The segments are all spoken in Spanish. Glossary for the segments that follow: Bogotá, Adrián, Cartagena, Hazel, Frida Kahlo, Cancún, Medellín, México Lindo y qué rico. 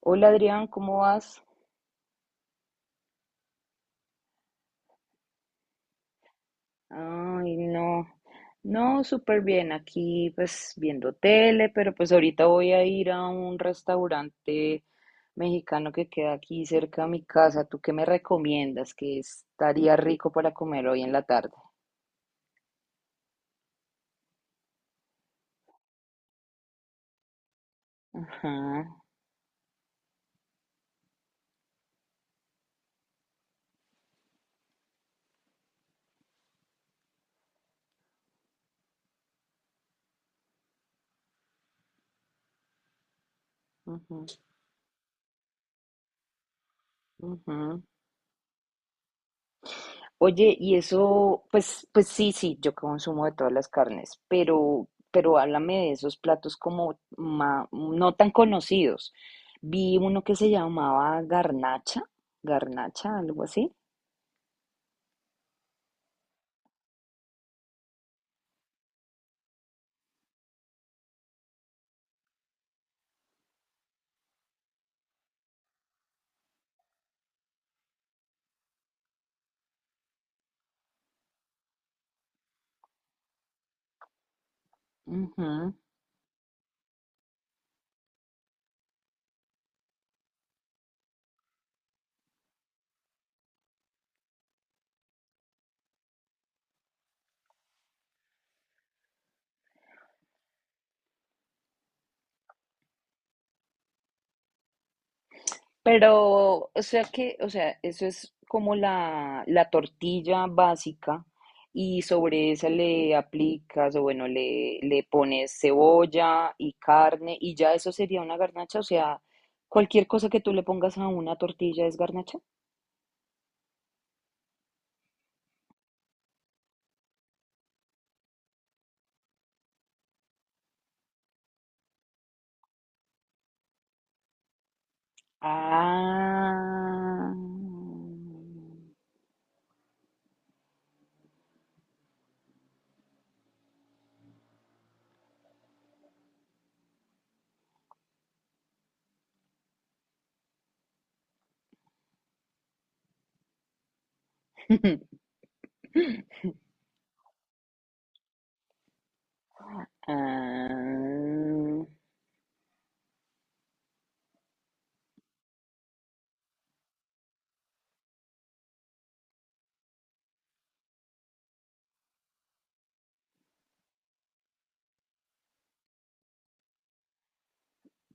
Hola Adrián, ¿cómo vas? Ay, no, no, súper bien, aquí pues viendo tele, pero pues ahorita voy a ir a un restaurante mexicano que queda aquí cerca de mi casa. ¿Tú qué me recomiendas? Que estaría rico para comer hoy en la tarde. Ajá, ajá, ajá. Oye, y eso, pues sí, sí, yo consumo de todas las carnes, pero háblame de esos platos como no tan conocidos. Vi uno que se llamaba garnacha, garnacha, algo así. Pero, o sea que, o sea, eso es como la tortilla básica y sobre esa le aplicas o bueno, le pones cebolla y carne y ya eso sería una garnacha, o sea, cualquier cosa que tú le pongas a una tortilla es garnacha. Ah. Ah.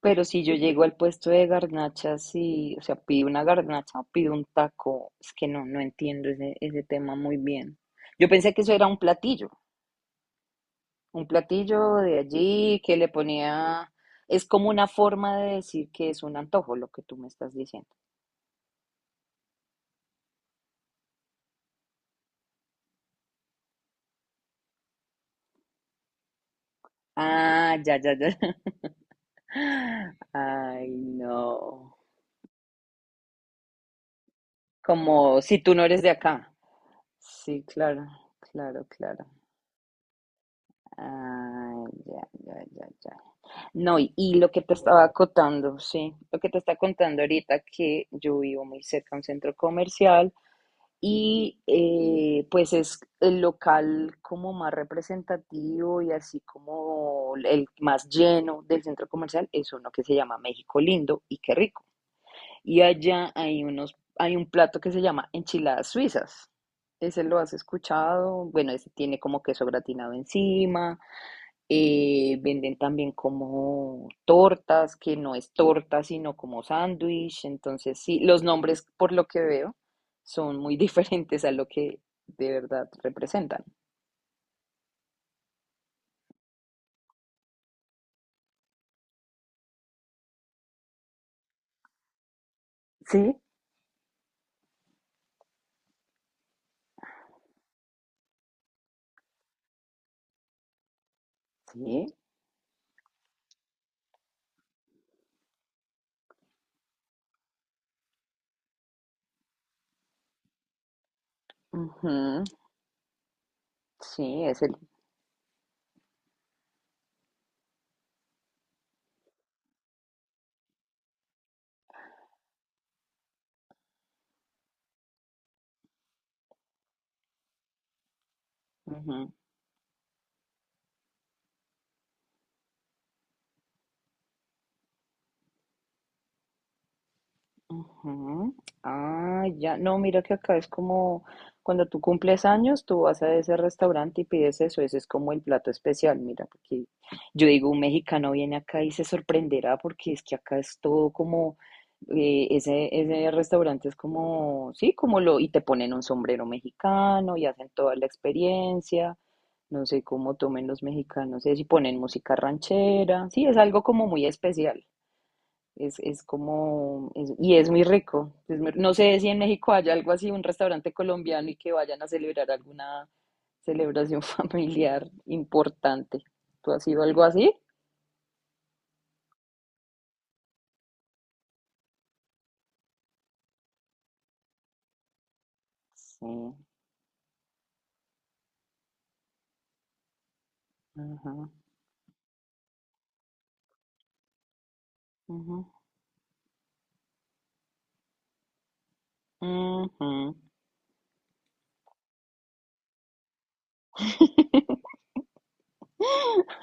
Pero si yo llego al puesto de garnachas y, o sea, pido una garnacha o pido un taco, es que no entiendo ese tema muy bien. Yo pensé que eso era un platillo de allí que le ponía, es como una forma de decir que es un antojo lo que tú me estás diciendo. Ah, ya, ya, ya. Ay, no. Como si tú no eres de acá. Sí, claro, claro, claro. Ah, ya, ya, ya, ya. No, y lo que te estaba contando, sí, lo que te está contando ahorita, que yo vivo muy cerca a un centro comercial y pues es el local como más representativo y así como el más lleno del centro comercial es uno que se llama México Lindo y Qué Rico. Y allá hay unos, hay un plato que se llama enchiladas suizas. Ese lo has escuchado, bueno, ese tiene como queso gratinado encima. Venden también como tortas, que no es torta, sino como sándwich. Entonces, sí, los nombres, por lo que veo, son muy diferentes a lo que de verdad representan. Sí, sí, ujú, sí, es el. Ujú. Ah, ya. No, mira que acá es como cuando tú cumples años, tú vas a ese restaurante y pides eso. Ese es como el plato especial. Mira, porque yo digo, un mexicano viene acá y se sorprenderá porque es que acá es todo como, ese, ese restaurante es como, sí, como lo, y te ponen un sombrero mexicano y hacen toda la experiencia. No sé cómo tomen los mexicanos, y ponen música ranchera. Sí, es algo como muy especial. Es como, y es muy rico. No sé si en México haya algo así, un restaurante colombiano y que vayan a celebrar alguna celebración familiar importante. ¿Tú has ido a algo así? Sí. Ajá, ujú, ujú.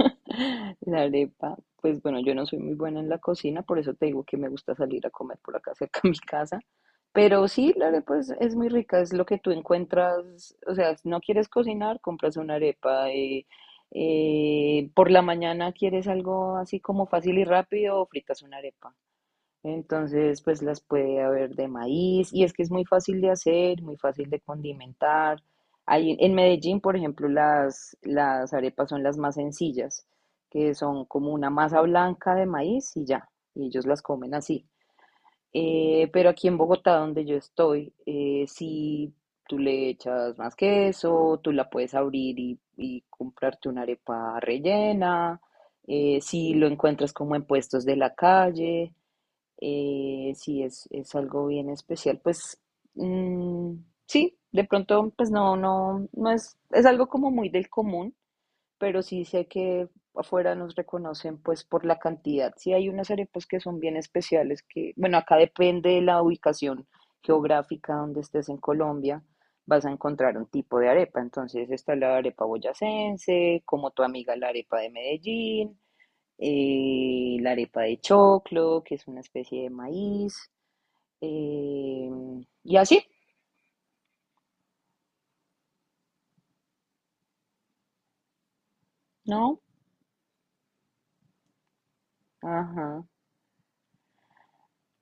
La arepa, pues bueno, yo no soy muy buena en la cocina, por eso te digo que me gusta salir a comer por acá cerca de mi casa. Pero sí, la arepa es muy rica, es lo que tú encuentras, o sea, si no quieres cocinar, compras una arepa. Por la mañana quieres algo así como fácil y rápido, fritas una arepa. Entonces, pues las puede haber de maíz y es que es muy fácil de hacer, muy fácil de condimentar. Ahí en Medellín, por ejemplo, las arepas son las más sencillas, que son como una masa blanca de maíz y ya, y ellos las comen así. Pero aquí en Bogotá, donde yo estoy, sí, tú le echas más queso, tú la puedes abrir y comprarte una arepa rellena, si lo encuentras como en puestos de la calle. Sí, es algo bien especial. Pues mm, sí, de pronto, pues no es, es algo como muy del común, pero sí sé que afuera nos reconocen pues por la cantidad. Sí hay unas arepas que son bien especiales que, bueno, acá depende de la ubicación geográfica donde estés en Colombia, vas a encontrar un tipo de arepa. Entonces está la arepa boyacense, como tu amiga la arepa de Medellín. La arepa de choclo, que es una especie de maíz, eh, y así, ¿no? Ajá.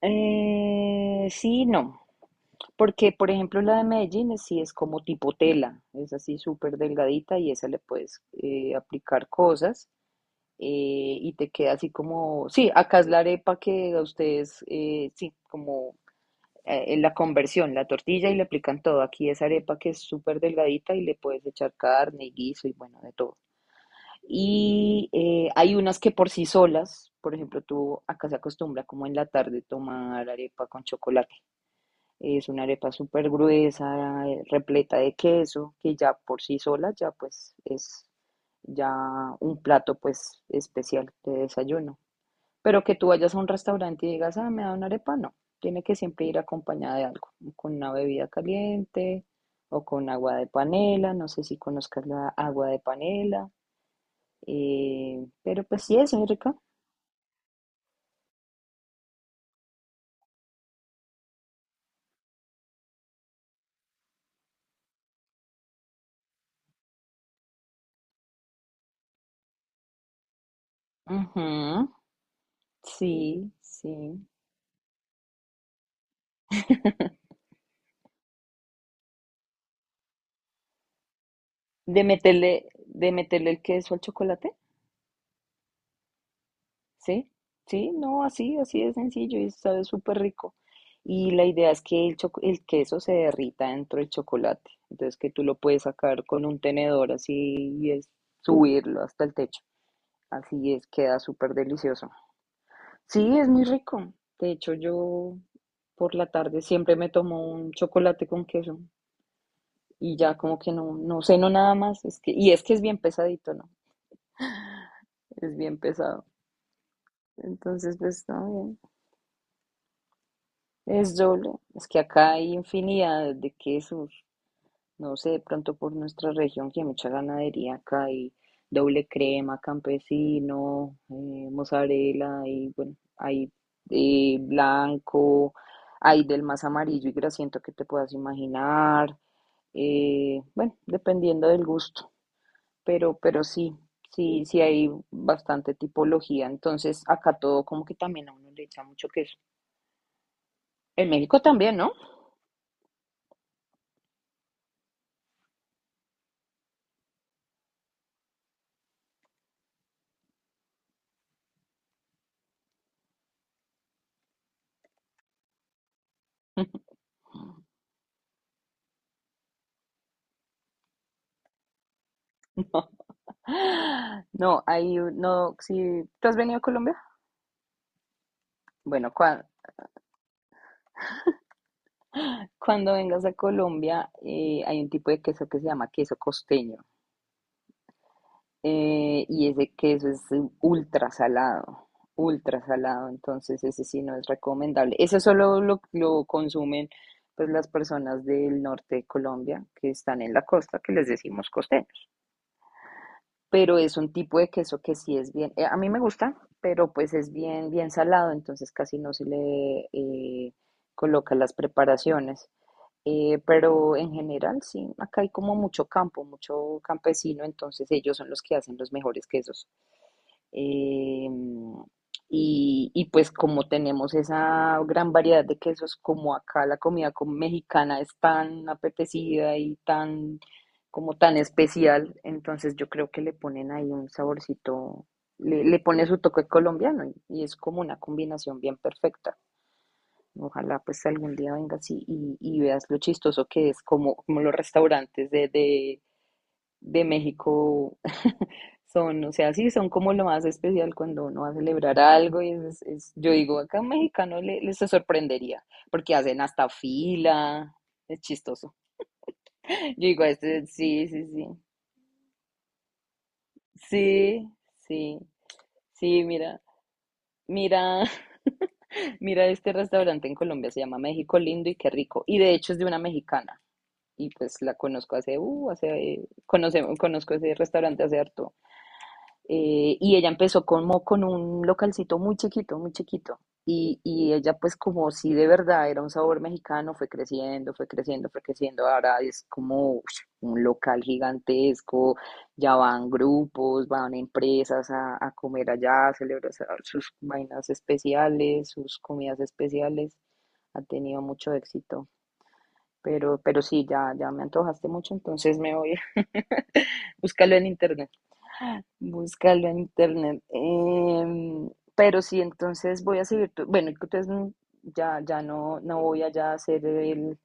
Sí, no, porque por ejemplo la de Medellín sí es como tipo tela, es así súper delgadita y esa le puedes aplicar cosas, eh, y te queda así como, sí, acá es la arepa que a ustedes, sí, como la conversión, la tortilla y le aplican todo. Aquí es arepa que es súper delgadita y le puedes echar carne y guiso y bueno, de todo. Y hay unas que por sí solas, por ejemplo, tú acá se acostumbra como en la tarde tomar arepa con chocolate. Es una arepa súper gruesa, repleta de queso, que ya por sí sola ya pues es ya un plato pues especial de desayuno. Pero que tú vayas a un restaurante y digas, ah, me da una arepa, no. Tiene que siempre ir acompañada de algo, con una bebida caliente o con agua de panela. No sé si conozcas la agua de panela. Pero pues sí, es muy rica. Ujú, sí, sí. De meterle el queso al chocolate. Sí, sí, no, así, así de sencillo y sabe súper rico. Y la idea es que el queso se derrita dentro del chocolate. Entonces que tú lo puedes sacar con un tenedor así y es subirlo hasta el techo. Así es, queda súper delicioso. Sí, es muy rico. De hecho, yo por la tarde siempre me tomo un chocolate con queso y ya como que no ceno nada más. Es que, y es que es bien pesadito, ¿no? Es bien pesado. Entonces, pues está bien. Es doble, es que acá hay infinidad de quesos, no sé, de pronto por nuestra región que hay mucha ganadería, acá hay doble crema, campesino, mozzarella, y bueno, hay blanco, hay del más amarillo y grasiento que te puedas imaginar, bueno, dependiendo del gusto, pero sí, sí, sí hay bastante tipología, entonces acá todo como que también a uno le echa mucho queso. En México también, ¿no? ¡Ah! No, ahí no, si tú has venido a Colombia, bueno, cuando vengas a Colombia hay un tipo de queso que se llama queso costeño. Y ese queso es ultra salado, ultra salado, entonces ese sí no es recomendable. Eso solo lo consumen pues las personas del norte de Colombia que están en la costa, que les decimos costeño. Pero es un tipo de queso que sí es bien, a mí me gusta, pero pues es bien, bien salado, entonces casi no se le coloca las preparaciones. Pero en general, sí, acá hay como mucho campo, mucho campesino, entonces ellos son los que hacen los mejores quesos. Eh, y pues como tenemos esa gran variedad de quesos, como acá la comida mexicana es tan apetecida y tan, como tan especial, entonces yo creo que le ponen ahí un saborcito, le pone su toque colombiano y es como una combinación bien perfecta. Ojalá pues algún día vengas y veas lo chistoso que es, como los restaurantes de México son, o sea, sí, son como lo más especial cuando uno va a celebrar algo y yo digo, acá un mexicano le, les se sorprendería, porque hacen hasta fila, es chistoso. Yo digo, este, sí, sí, sí, sí, sí, sí, mira, mira, mira este restaurante en Colombia, se llama México Lindo y Qué Rico, y de hecho es de una mexicana. Y pues la conozco hace, hace, conocemos, conozco ese restaurante hace harto. Y ella empezó como con un localcito muy chiquito, muy chiquito. Y ella pues como si de verdad era un sabor mexicano, fue creciendo, fue creciendo, fue creciendo. Ahora es como ush, un local gigantesco, ya van grupos, van empresas a comer allá, a celebrar sus vainas especiales, sus comidas especiales. Ha tenido mucho éxito. Pero sí, ya, ya me antojaste mucho, entonces me voy. Búscalo en internet. Búscalo en internet. Pero sí, entonces voy a seguir. Bueno, entonces ya, ya no voy allá a hacer el,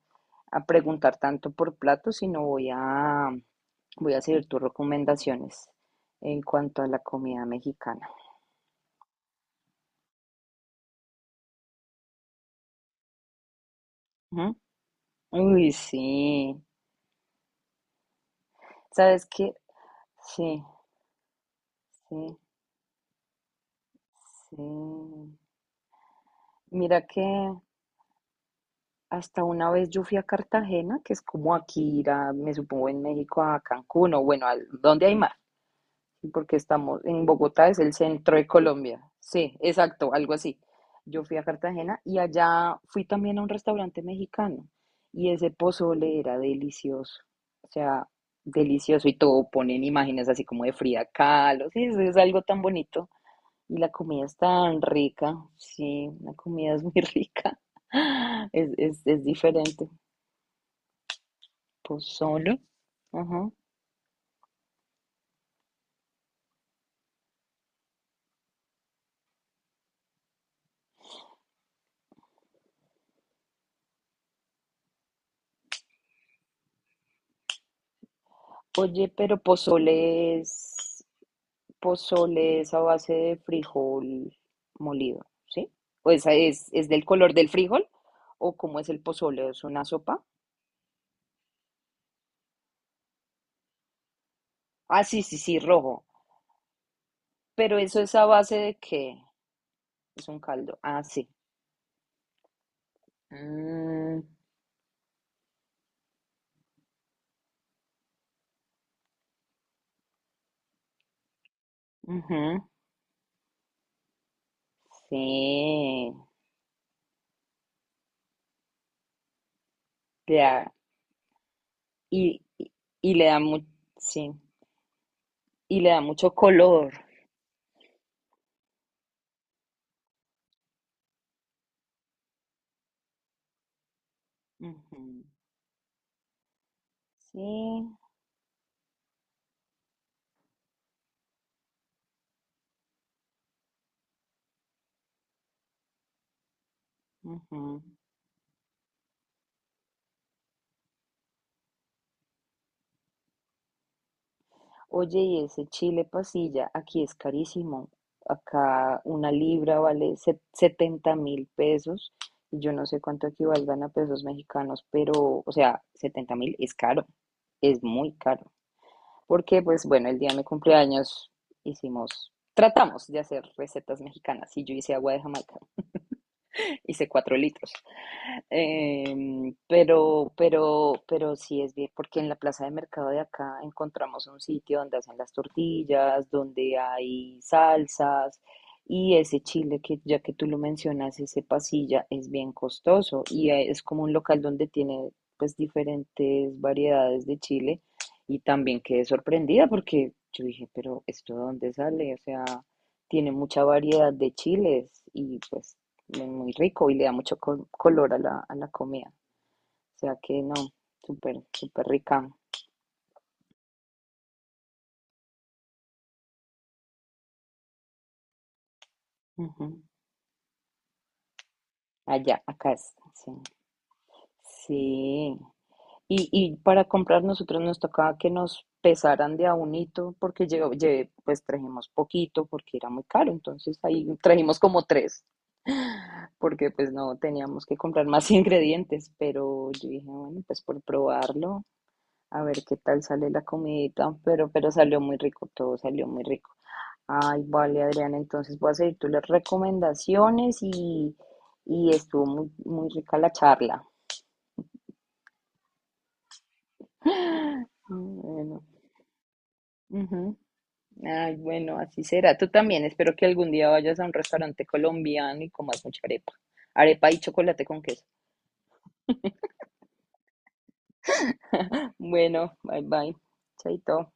a preguntar tanto por platos, sino voy a seguir tus recomendaciones en cuanto a la comida mexicana. Ujú. Uy, sí. ¿Sabes qué? Sí, sí, sí. Mira que hasta una vez yo fui a Cartagena, que es como aquí ir a, me supongo, en México a Cancún o bueno, al, donde hay mar, sí, porque estamos en Bogotá, es el centro de Colombia. Sí, exacto, algo así. Yo fui a Cartagena y allá fui también a un restaurante mexicano y ese pozole era delicioso, o sea, delicioso y todo, ponen imágenes así como de Frida Kahlo, sí, eso es algo tan bonito. Y la comida es tan rica, sí, la comida es muy rica, es, es diferente. Pozole, ajá. Oye, pero pozole es a base de frijol molido, ¿sí? O esa es del color del frijol, o cómo es el pozole, es una sopa. Ah, sí, sí, sí, rojo. Pero eso ¿es a base de qué? Es un caldo. Ah, sí. Mm, ujú, sí, ya. y, y- y le da mu- sí, y le da mucho color. Ujú, sí. Ujú. Oye, y ese chile pasilla, aquí es carísimo. Acá una libra vale 70.000 pesos. Y yo no sé cuánto equivalgan a pesos mexicanos, pero, o sea, 70.000 es caro, es muy caro. Porque, pues bueno, el día de mi cumpleaños hicimos, tratamos de hacer recetas mexicanas y yo hice agua de Jamaica, hice 4 litros. Pero sí es bien, porque en la plaza de mercado de acá encontramos un sitio donde hacen las tortillas, donde hay salsas, y ese chile que ya que tú lo mencionas, ese pasilla, es bien costoso y es como un local donde tiene pues diferentes variedades de chile y también quedé sorprendida porque yo dije, pero ¿esto de dónde sale? O sea, tiene mucha variedad de chiles y pues muy muy rico y le da mucho color a la comida. O sea que no, súper, súper rica. Ujú. Allá, acá es. Sí. Sí. Y para comprar nosotros nos tocaba que nos pesaran de a unito porque pues trajimos poquito porque era muy caro. Entonces ahí trajimos como tres porque pues no teníamos que comprar más ingredientes. Pero yo dije, bueno, pues por probarlo, a ver qué tal sale la comidita. Pero salió muy rico, todo salió muy rico. Ay, vale, Adriana, entonces voy a seguir tus las recomendaciones y estuvo muy, muy rica la charla. Bueno, ujú. Ay, bueno, así será. Tú también, espero que algún día vayas a un restaurante colombiano y comas mucha arepa. Arepa y chocolate con queso. Bueno, bye bye. Chaito.